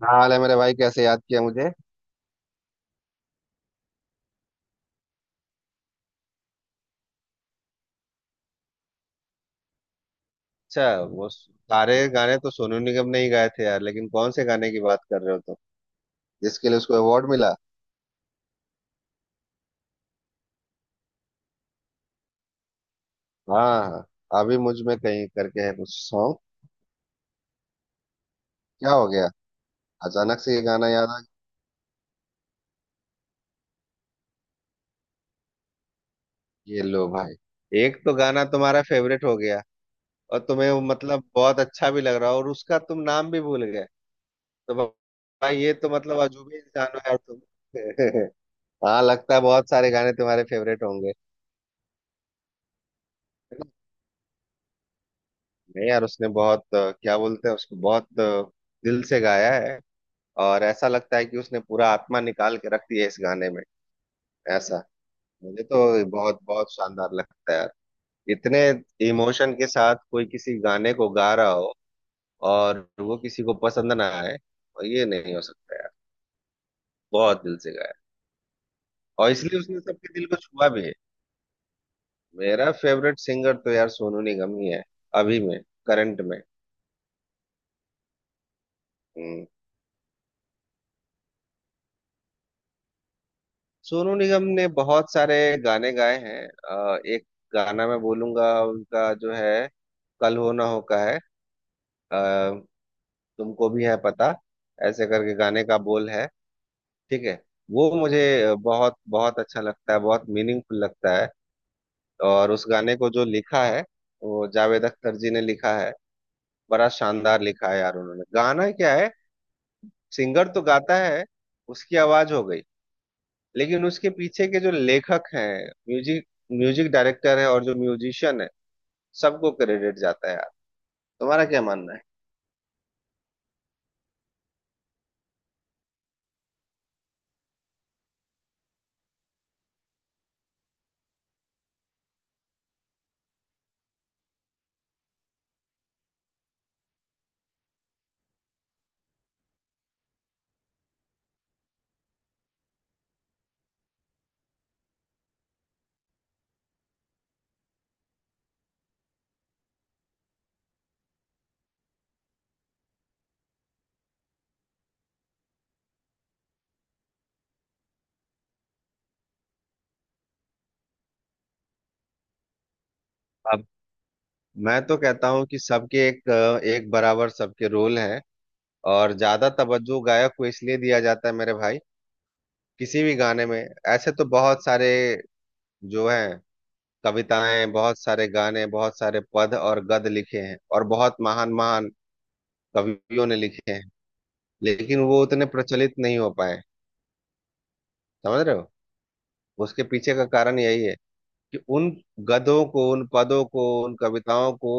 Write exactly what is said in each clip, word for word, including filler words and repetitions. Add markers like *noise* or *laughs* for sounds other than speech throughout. क्या हाल है मेरे भाई? कैसे याद किया मुझे? अच्छा। वो सारे गाने तो सोनू निगम ने ही गाए थे यार, लेकिन कौन से गाने की बात कर रहे हो तुम? जिसके लिए उसको अवार्ड मिला। हाँ हाँ। अभी मुझ में कहीं करके है कुछ सॉन्ग। क्या हो गया? अचानक से ये गाना याद आ गया, ये लो भाई। एक तो गाना तुम्हारा फेवरेट हो गया, और तुम्हें वो मतलब बहुत अच्छा भी लग रहा, और उसका तुम नाम भी भूल गए। तो भाई, ये तो मतलब अजूबे इंसान हो यार तुम। *laughs* हाँ, लगता है बहुत सारे गाने तुम्हारे फेवरेट होंगे। नहीं यार, उसने बहुत अ, क्या बोलते हैं उसको, बहुत अ, दिल से गाया है। और ऐसा लगता है कि उसने पूरा आत्मा निकाल के रख दिया है इस गाने में। ऐसा, मुझे तो बहुत बहुत शानदार लगता है यार। इतने इमोशन के साथ कोई किसी गाने को गा रहा हो और वो किसी को पसंद ना आए, और ये नहीं हो सकता यार। बहुत दिल से गाया है, और इसलिए उसने सबके दिल को छुआ भी है। मेरा फेवरेट सिंगर तो यार सोनू निगम ही है, अभी में, करंट में। हम्म। सोनू निगम ने बहुत सारे गाने गाए हैं, अ, एक गाना मैं बोलूंगा उनका जो है, कल हो ना हो का है। अ, तुमको भी है पता, ऐसे करके गाने का बोल है। ठीक है। वो मुझे बहुत बहुत अच्छा लगता है, बहुत मीनिंगफुल लगता है। और उस गाने को जो लिखा है, वो जावेद अख्तर जी ने लिखा है। बड़ा शानदार लिखा है यार उन्होंने, गाना क्या है? सिंगर तो गाता है, उसकी आवाज हो गई, लेकिन उसके पीछे के जो लेखक हैं, म्यूजिक म्यूजिक डायरेक्टर है और जो म्यूजिशियन है, सबको क्रेडिट जाता है यार। तुम्हारा क्या मानना है? अब, मैं तो कहता हूँ कि सबके एक एक बराबर सबके रोल हैं। और ज्यादा तवज्जो गायक को इसलिए दिया जाता है मेरे भाई, किसी भी गाने में। ऐसे तो बहुत सारे जो हैं, कविताएं, बहुत सारे गाने, बहुत सारे पद और गद लिखे हैं, और बहुत महान महान कवियों ने लिखे हैं, लेकिन वो उतने प्रचलित नहीं हो पाए। समझ रहे हो? उसके पीछे का कारण यही है कि उन गद्यों को, उन पदों को, उन कविताओं को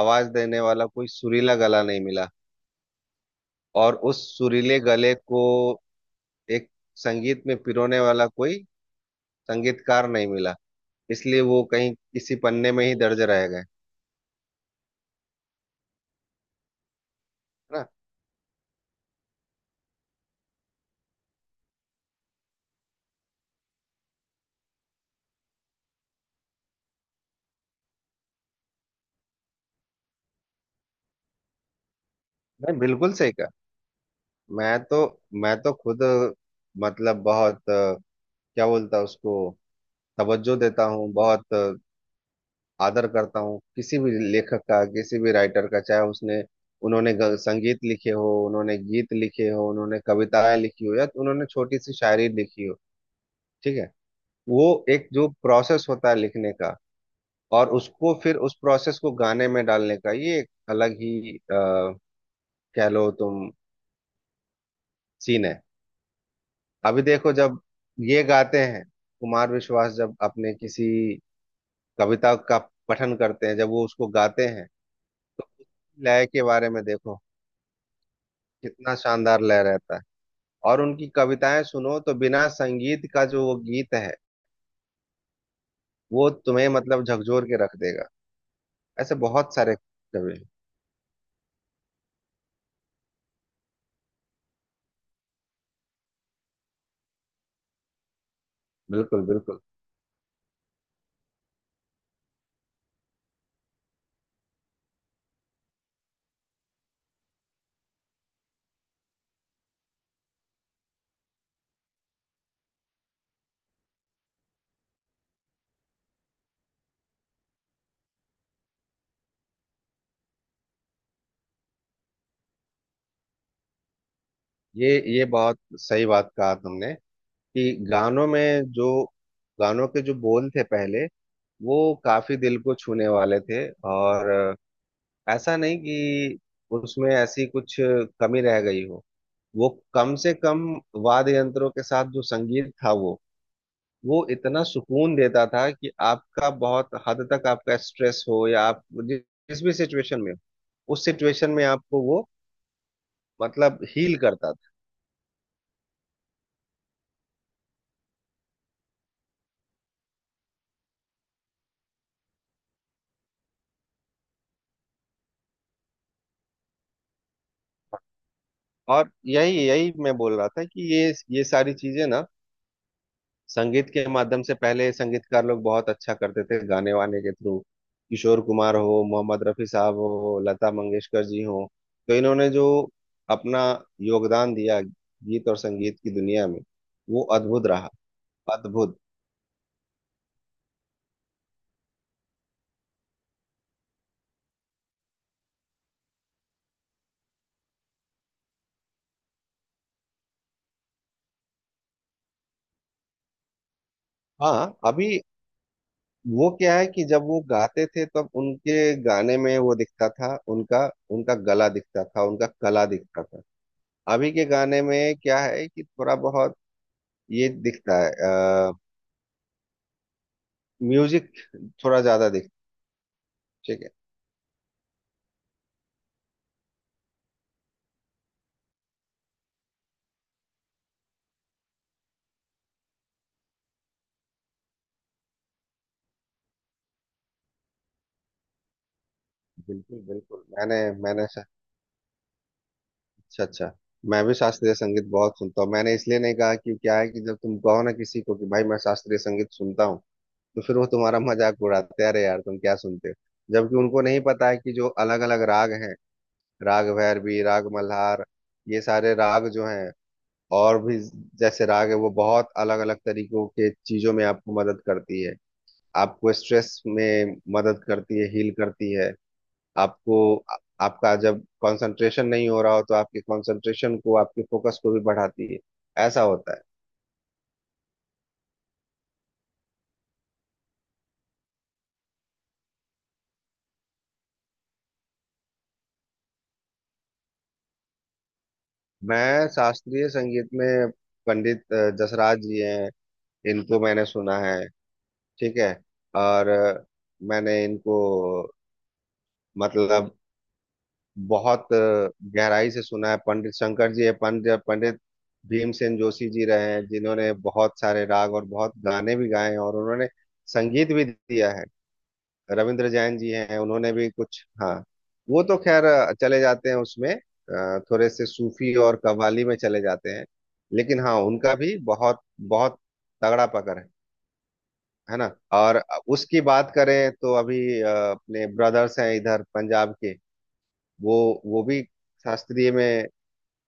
आवाज देने वाला कोई सुरीला गला नहीं मिला, और उस सुरीले गले को एक संगीत में पिरोने वाला कोई संगीतकार नहीं मिला, इसलिए वो कहीं किसी पन्ने में ही दर्ज रह गए। है ना? नहीं, बिल्कुल सही कहा। मैं तो मैं तो खुद मतलब बहुत अ, क्या बोलता उसको, तवज्जो देता हूँ, बहुत अ, आदर करता हूँ किसी भी लेखक का, किसी भी राइटर का, चाहे उसने उन्होंने ग- संगीत लिखे हो, उन्होंने गीत लिखे हो, उन्होंने कविताएं लिखी हो, या तो उन्होंने छोटी सी शायरी लिखी हो। ठीक है। वो एक जो प्रोसेस होता है लिखने का, और उसको फिर उस प्रोसेस को गाने में डालने का, ये एक अलग ही आ, कह लो तुम, सीन है। अभी देखो, जब ये गाते हैं, कुमार विश्वास जब अपने किसी कविता का पठन करते हैं, जब वो उसको गाते हैं, तो लय के बारे में देखो, कितना शानदार लय रहता है। और उनकी कविताएं सुनो तो बिना संगीत का जो वो गीत है, वो तुम्हें मतलब झकझोर के रख देगा। ऐसे बहुत सारे कवि हैं। बिल्कुल बिल्कुल। ये ये बहुत सही बात कहा तुमने, कि गानों में जो, गानों के जो बोल थे पहले, वो काफी दिल को छूने वाले थे। और ऐसा नहीं कि उसमें ऐसी कुछ कमी रह गई हो। वो कम से कम वाद्य यंत्रों के साथ जो संगीत था, वो वो इतना सुकून देता था कि आपका बहुत हद तक, आपका स्ट्रेस हो या आप जि- जिस भी सिचुएशन में हो, उस सिचुएशन में आपको वो मतलब हील करता था। और यही यही मैं बोल रहा था कि ये ये सारी चीजें ना, संगीत के माध्यम से पहले संगीतकार लोग बहुत अच्छा करते थे गाने वाने के थ्रू। किशोर कुमार हो, मोहम्मद रफी साहब हो, लता मंगेशकर जी हो, तो इन्होंने जो अपना योगदान दिया गीत और संगीत की दुनिया में, वो अद्भुत रहा। अद्भुत। हाँ, अभी वो क्या है कि जब वो गाते थे, तब उनके गाने में वो दिखता था, उनका उनका गला दिखता था, उनका कला दिखता था। अभी के गाने में क्या है कि थोड़ा बहुत ये दिखता है, आ, म्यूजिक थोड़ा ज्यादा दिखता है, ठीक है। बिल्कुल बिल्कुल। मैंने मैंने स- अच्छा अच्छा, मैं भी शास्त्रीय संगीत बहुत सुनता हूँ। मैंने इसलिए नहीं कहा कि, क्या है कि जब तुम कहो ना किसी को कि भाई मैं शास्त्रीय संगीत सुनता हूँ, तो फिर वो तुम्हारा मजाक उड़ाते हैं, अरे यार तुम क्या सुनते हो, जबकि उनको नहीं पता है कि जो अलग अलग राग हैं, राग भैरवी, राग मल्हार, ये सारे राग जो हैं, और भी जैसे राग है, वो बहुत अलग अलग तरीकों के चीजों में आपको मदद करती है। आपको स्ट्रेस में मदद करती है, हील करती है, आपको, आ- आपका जब कंसंट्रेशन नहीं हो रहा हो, तो आपके कंसंट्रेशन को, आपके फोकस को भी बढ़ाती है। ऐसा होता है। मैं शास्त्रीय संगीत में, पंडित अ, जसराज जी हैं, इनको मैंने सुना है। ठीक है। और अ, मैंने इनको मतलब बहुत अ, गहराई से सुना है। पंडित शंकर जी है, पंडित पंडित भीमसेन जोशी जी रहे हैं, जिन्होंने बहुत सारे राग और बहुत गाने भी गाए हैं, और उन्होंने संगीत भी दिया है। रविंद्र जैन जी हैं, उन्होंने भी कुछ, हाँ, वो तो खैर अ, चले जाते हैं उसमें, अ, थोड़े से सूफी और कव्वाली में चले जाते हैं। लेकिन हाँ, उनका भी बहुत बहुत तगड़ा पकड़ है है ना? और उसकी बात करें, तो अभी अ, अपने ब्रदर्स हैं इधर पंजाब के, वो वो भी शास्त्रीय में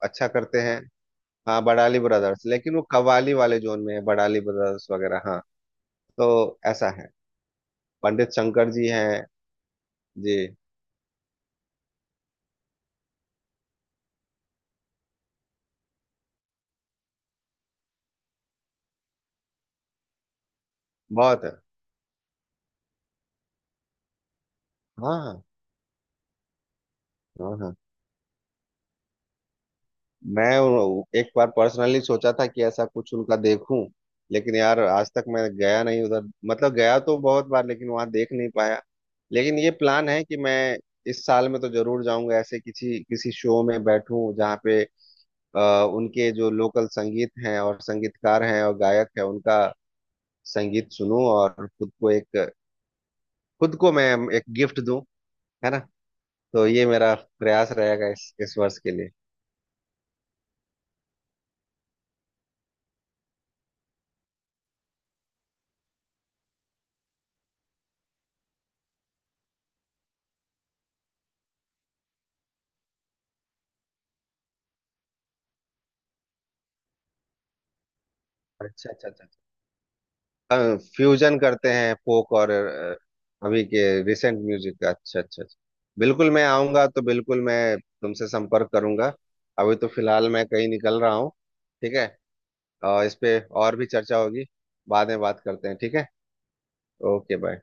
अच्छा करते हैं। हाँ बड़ाली ब्रदर्स, लेकिन वो कव्वाली वाले जोन में है, बड़ाली ब्रदर्स वगैरह। हाँ, तो ऐसा है, पंडित शंकर जी हैं जी, बहुत है। हाँ हाँ हाँ हाँ। मैं उन- एक बार पर्सनली सोचा था कि ऐसा कुछ उनका देखूं, लेकिन यार आज तक मैं गया नहीं उधर, मतलब गया तो बहुत बार, लेकिन वहां देख नहीं पाया। लेकिन ये प्लान है कि मैं इस साल में तो जरूर जाऊंगा, ऐसे किसी किसी शो में बैठूं, जहाँ पे अ, उनके जो लोकल संगीत हैं और संगीतकार हैं और गायक हैं, उनका संगीत सुनूं, और खुद को एक खुद को मैं एक गिफ्ट दूं, है ना? तो ये मेरा प्रयास रहेगा इस इस वर्ष के लिए। अच्छा अच्छा, अच्छा फ्यूजन करते हैं, फोक और अ, अभी के रिसेंट म्यूजिक का। अच्छा अच्छा अच्छा। बिल्कुल, मैं आऊंगा तो बिल्कुल मैं तुमसे संपर्क करूंगा। अभी तो फिलहाल मैं कहीं निकल रहा हूँ। ठीक है, और इस पे और भी चर्चा होगी, बाद में बात करते हैं, ठीक है। Okay, bye.